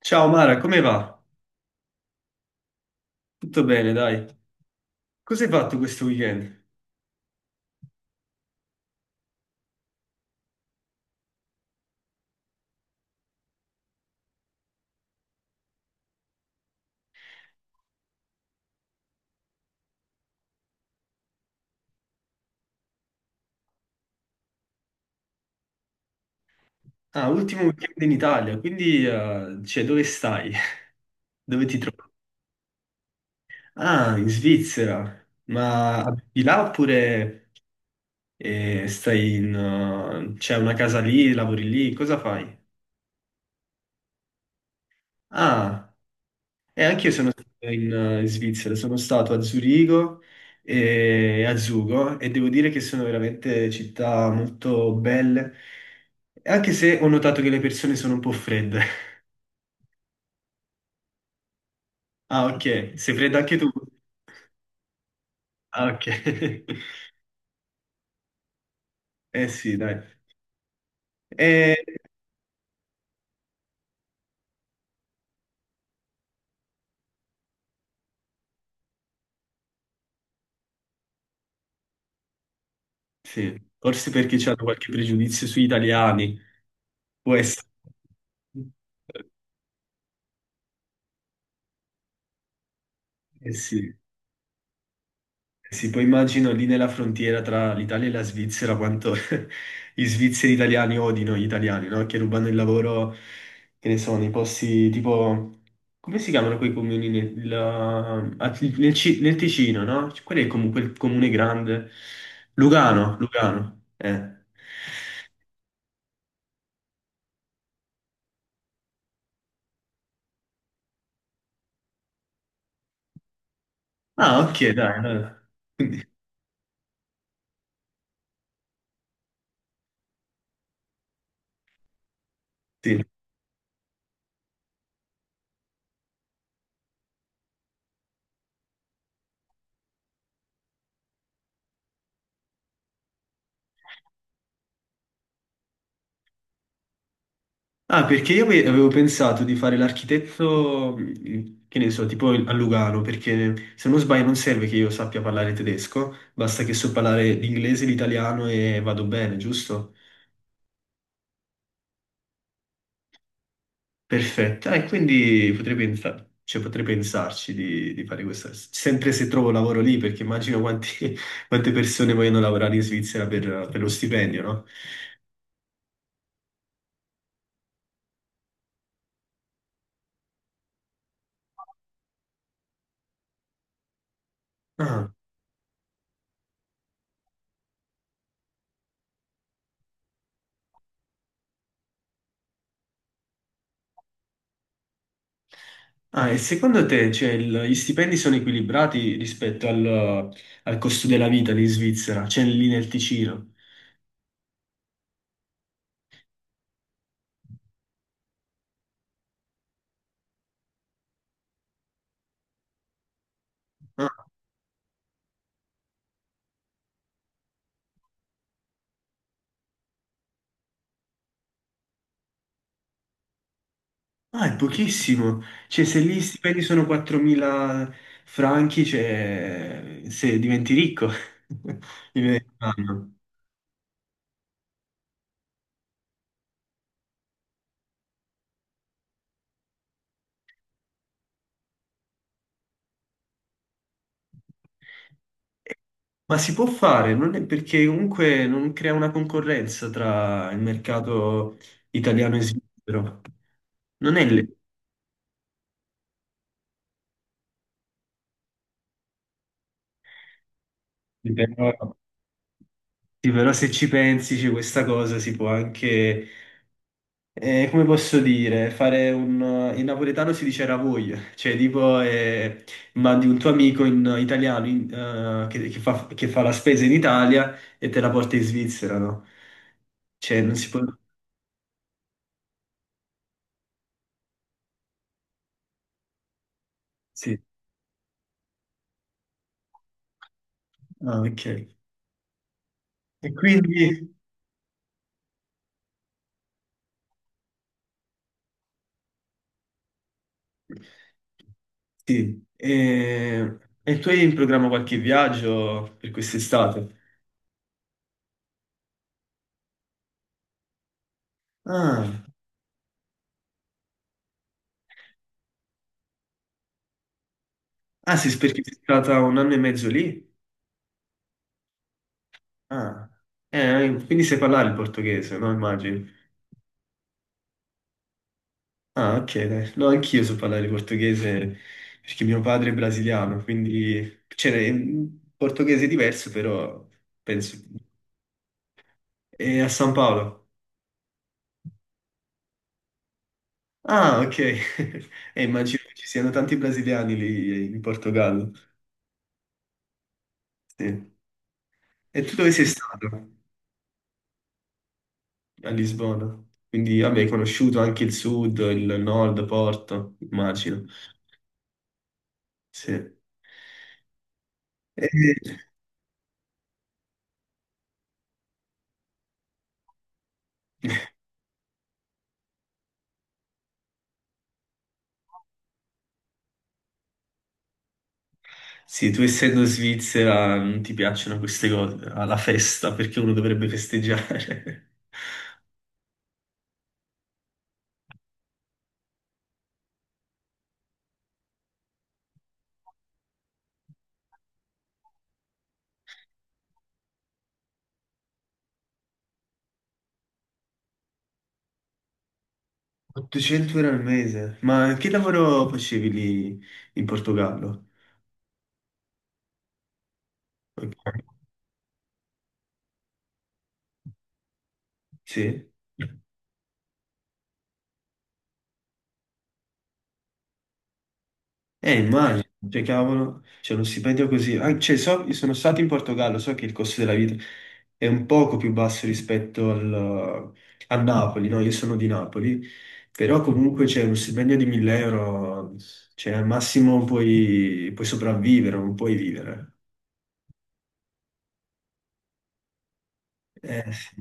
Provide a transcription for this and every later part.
Ciao Mara, come va? Tutto bene, dai. Cosa hai fatto questo weekend? Ah, ultimo weekend in Italia, quindi dove stai? Dove ti trovi? Ah, in Svizzera. Ma abiti là oppure stai in... c'è una casa lì, lavori lì, cosa fai? Ah. E anche io sono stato in, in Svizzera, sono stato a Zurigo e a Zugo e devo dire che sono veramente città molto belle, anche se ho notato che le persone sono un po' fredde. Ah, ok, sei fredda anche tu? Ah, ok. Eh sì, dai. Eh, sì, forse perché c'hanno qualche pregiudizio sugli italiani, può essere. Eh sì. Sì, poi immagino lì nella frontiera tra l'Italia e la Svizzera quanto gli svizzeri italiani odino gli italiani, no? Che rubano il lavoro, che ne so, nei posti tipo... Come si chiamano quei comuni nel, la- a- nel Ci- nel Ticino, no? Quello è comunque il comune grande. Lugano, Lugano. Ah, ok, dai. Allora. Quindi, sì. Ah, perché io avevo pensato di fare l'architetto, che ne so, tipo a Lugano, perché se non sbaglio non serve che io sappia parlare tedesco, basta che so parlare l'inglese, l'italiano e vado bene, giusto? Perfetto. Ah, e quindi cioè, potrei pensarci di fare questo, sempre se trovo lavoro lì, perché immagino quante persone vogliono lavorare in Svizzera per lo stipendio, no? Ah. Ah, e secondo te, cioè, gli stipendi sono equilibrati rispetto al costo della vita lì in Svizzera, cioè lì nel Ticino? Ah, ah, è pochissimo. Cioè, se lì gli stipendi sono 4.000 franchi, cioè, se diventi ricco, diventi un anno. Ma si può fare, non è perché comunque non crea una concorrenza tra il mercato italiano e svizzero. Non è le... Sì, però se ci pensi, c'è questa cosa si può anche, come posso dire, fare un... In napoletano si dice ravoglio, cioè tipo mandi un tuo amico in italiano che fa la spesa in Italia e te la porta in Svizzera, no? Cioè non si può... Sì, ah, ok. E quindi... Sì, e, e tu hai in programma qualche viaggio per quest'estate? Ah, ah sì, perché sei stata un anno e mezzo lì? Ah, quindi sai parlare il portoghese, no? Immagino. Ah, ok, dai. No, anch'io so parlare portoghese perché mio padre è brasiliano, quindi c'è un portoghese diverso, però penso. È a San Paolo. Ah, ok. E immagino che ci siano tanti brasiliani lì in Portogallo. Sì. E tu dove sei stato? A Lisbona. Quindi, vabbè, hai conosciuto anche il sud, il nord, Porto, immagino. Sì. E- Sì, tu essendo in Svizzera non ti piacciono queste cose, alla festa, perché uno dovrebbe festeggiare. 800 euro al mese, ma che lavoro facevi lì in Portogallo? Ok. Sì? Immagino, cioè, cavolo, c'è uno stipendio così. Ah, cioè, io sono stato in Portogallo, so che il costo della vita è un poco più basso rispetto a Napoli, no? Io sono di Napoli, però comunque c'è uno stipendio di 1000 euro, cioè, al massimo puoi sopravvivere, non puoi vivere. Sì.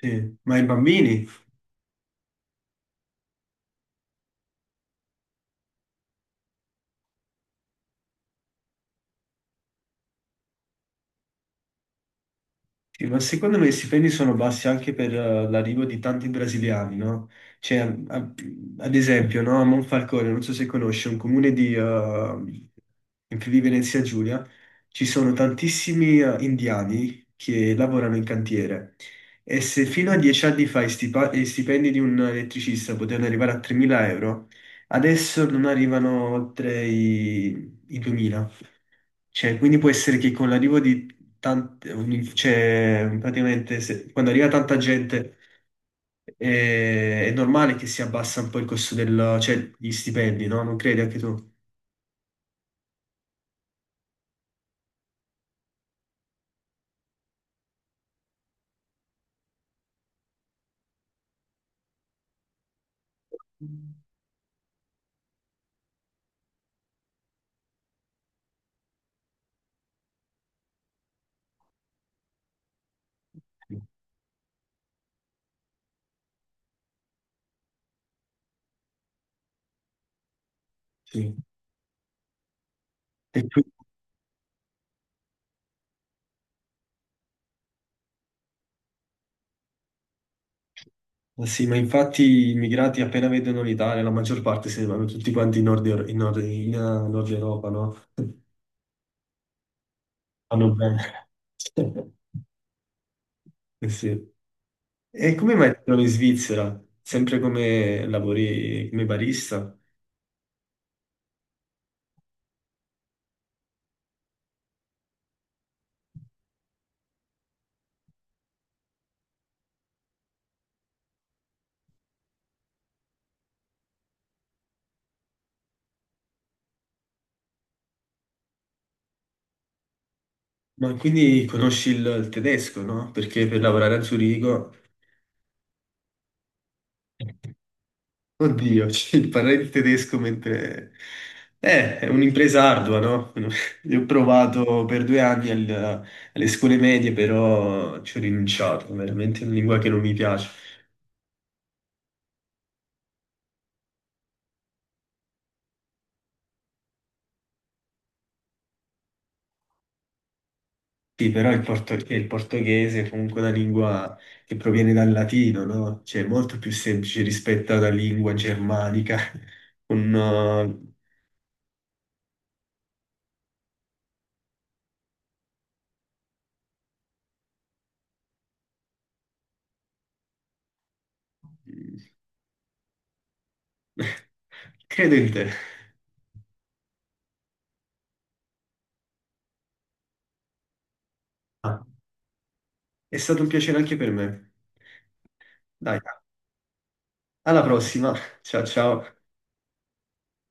Sì. Ma i bambini? Sì, ma secondo me i stipendi sono bassi anche per l'arrivo di tanti brasiliani, no? Cioè, a- ad esempio, no? A Monfalcone, non so se conosci, è un comune in Friuli Venezia Giulia, ci sono tantissimi indiani che lavorano in cantiere. E se fino a 10 anni fa i stipendi di un elettricista potevano arrivare a 3.000 euro, adesso non arrivano oltre i 2.000. Cioè, quindi può essere che con l'arrivo di cioè, praticamente quando arriva tanta gente è normale che si abbassa un po' il costo del, cioè, gli stipendi, no? Non credi anche tu? Sì. E ma sì, ma infatti gli immigrati appena vedono l'Italia, la maggior parte se ne vanno tutti quanti in Nord, in Nord, in, Nord Europa, no? Vanno bene. Eh sì. E come mai ti trovi in Svizzera? Sempre come lavori come barista? Ma quindi conosci il tedesco, no? Perché per lavorare a Zurigo, oddio, cioè, parlare il tedesco mentre... è un'impresa ardua, no? Io ho provato per 2 anni alle scuole medie, però ci ho rinunciato, veramente è una lingua che non mi piace. Sì, però il portoghese è comunque una lingua che proviene dal latino, no? Cioè è molto più semplice rispetto alla lingua germanica, con... Credo in te. Ah, è stato un piacere anche per me. Dai, alla prossima. Ciao ciao.